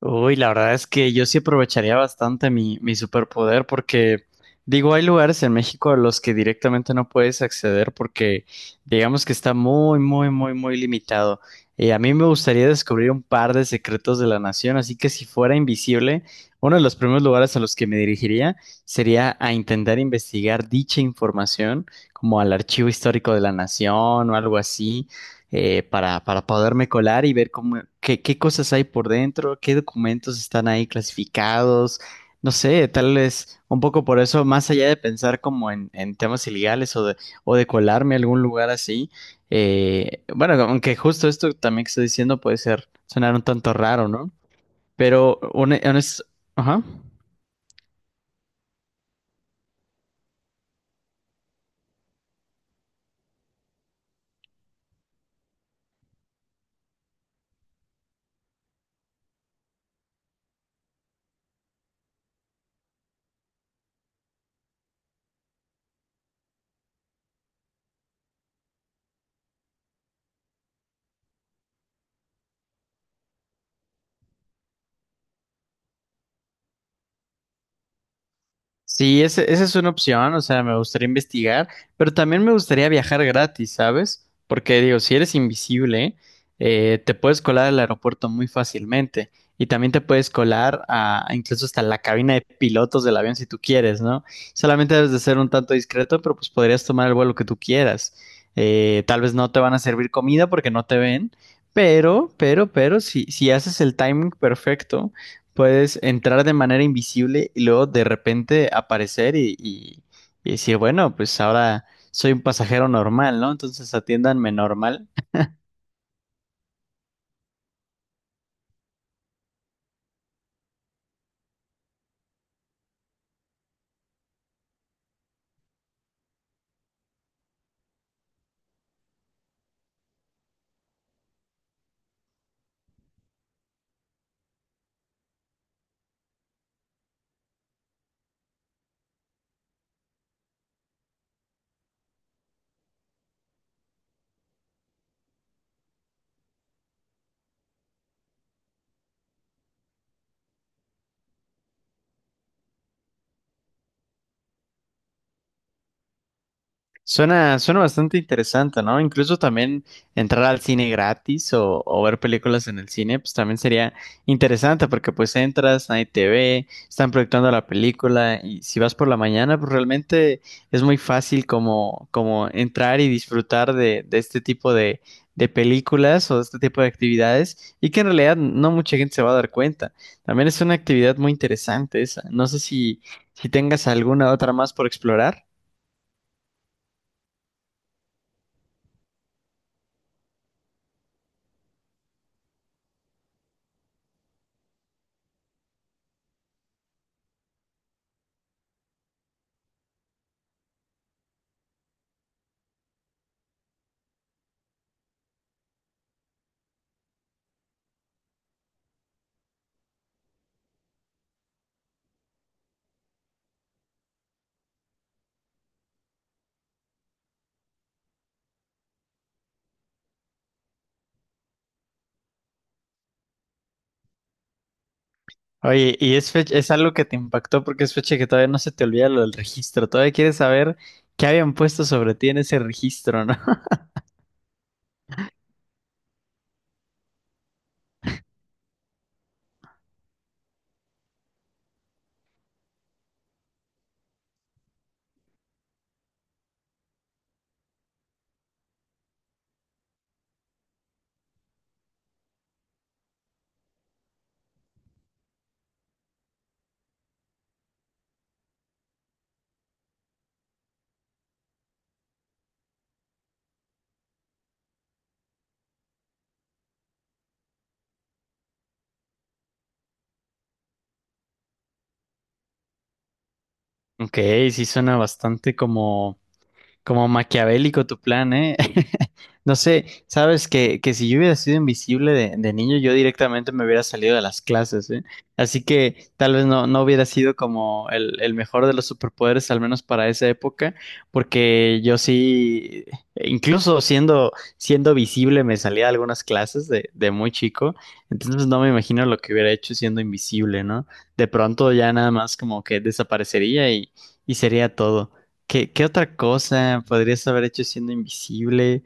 Uy, la verdad es que yo sí aprovecharía bastante mi superpoder porque, digo, hay lugares en México a los que directamente no puedes acceder porque digamos que está muy, muy, muy, muy limitado. Y a mí me gustaría descubrir un par de secretos de la nación, así que si fuera invisible, uno de los primeros lugares a los que me dirigiría sería a intentar investigar dicha información, como al Archivo Histórico de la Nación o algo así para poderme colar y ver cómo, qué cosas hay por dentro, qué documentos están ahí clasificados. No sé, tal vez un poco por eso, más allá de pensar como en temas ilegales o de colarme a algún lugar así, bueno, aunque justo esto también que estoy diciendo puede ser sonar un tanto raro, ¿no? Pero, ajá. Sí, esa es una opción, o sea, me gustaría investigar, pero también me gustaría viajar gratis, ¿sabes? Porque digo, si eres invisible, te puedes colar al aeropuerto muy fácilmente y también te puedes colar a incluso hasta la cabina de pilotos del avión si tú quieres, ¿no? Solamente debes de ser un tanto discreto, pero pues podrías tomar el vuelo que tú quieras. Tal vez no te van a servir comida porque no te ven, pero, si haces el timing perfecto. Puedes entrar de manera invisible y luego de repente aparecer y decir, bueno, pues ahora soy un pasajero normal, ¿no? Entonces atiéndanme normal. Suena bastante interesante, ¿no? Incluso también entrar al cine gratis o ver películas en el cine, pues también sería interesante porque pues entras, nadie te ve, están proyectando la película y si vas por la mañana, pues realmente es muy fácil como, como entrar y disfrutar de este tipo de películas o de este tipo de actividades y que en realidad no mucha gente se va a dar cuenta. También es una actividad muy interesante esa. No sé si, si tengas alguna otra más por explorar. Oye, y es fecha, es algo que te impactó porque es fecha que todavía no se te olvida lo del registro. Todavía quieres saber qué habían puesto sobre ti en ese registro, ¿no? Ok, sí suena bastante como como maquiavélico tu plan, ¿eh? No sé, sabes que si yo hubiera sido invisible de niño, yo directamente me hubiera salido de las clases, ¿eh? Así que tal vez no, no hubiera sido como el mejor de los superpoderes, al menos para esa época, porque yo sí, incluso siendo, siendo visible, me salía de algunas clases de muy chico, entonces no me imagino lo que hubiera hecho siendo invisible, ¿no? De pronto ya nada más como que desaparecería y sería todo. ¿ Qué otra cosa podrías haber hecho siendo invisible?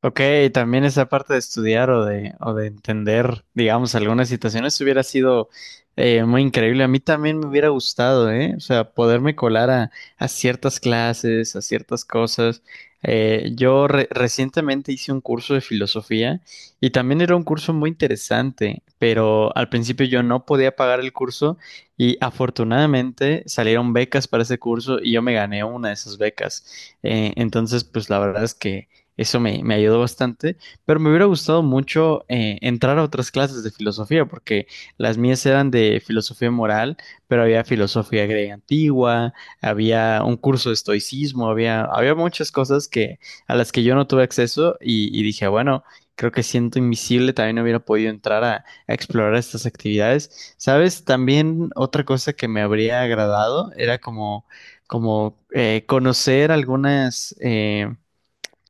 Ok, también esa parte de estudiar o de entender, digamos, algunas situaciones hubiera sido muy increíble. A mí también me hubiera gustado, ¿eh? O sea, poderme colar a ciertas clases, a ciertas cosas. Yo recientemente hice un curso de filosofía y también era un curso muy interesante, pero al principio yo no podía pagar el curso y afortunadamente salieron becas para ese curso y yo me gané una de esas becas. Entonces, pues la verdad es que... Eso me ayudó bastante, pero me hubiera gustado mucho entrar a otras clases de filosofía, porque las mías eran de filosofía moral, pero había filosofía griega antigua, había un curso de estoicismo, había, había muchas cosas que, a las que yo no tuve acceso y dije, bueno, creo que siento invisible, también no hubiera podido entrar a explorar estas actividades. ¿Sabes? También otra cosa que me habría agradado era como, como conocer algunas...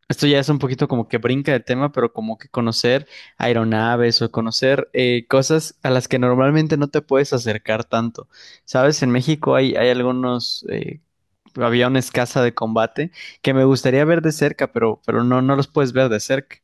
esto ya es un poquito como que brinca el tema, pero como que conocer aeronaves o conocer cosas a las que normalmente no te puedes acercar tanto. Sabes, en México hay, hay algunos aviones caza de combate que me gustaría ver de cerca, pero no, no los puedes ver de cerca.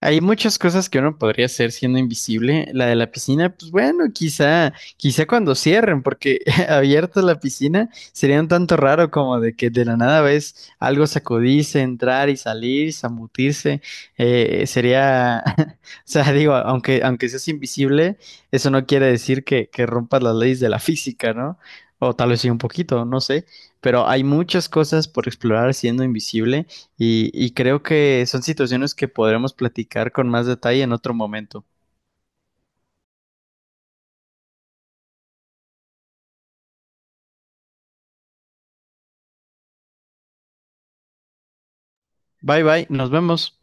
Hay muchas cosas que uno podría hacer siendo invisible. La de la piscina, pues bueno, quizá, quizá cuando cierren, porque abierta la piscina sería un tanto raro como de que de la nada ves algo sacudirse, entrar y salir, zambutirse. Sería, o sea, digo, aunque, aunque seas invisible, eso no quiere decir que rompas las leyes de la física, ¿no? O tal vez sí un poquito, no sé. Pero hay muchas cosas por explorar siendo invisible. Y creo que son situaciones que podremos platicar con más detalle en otro momento. Bye bye, nos vemos.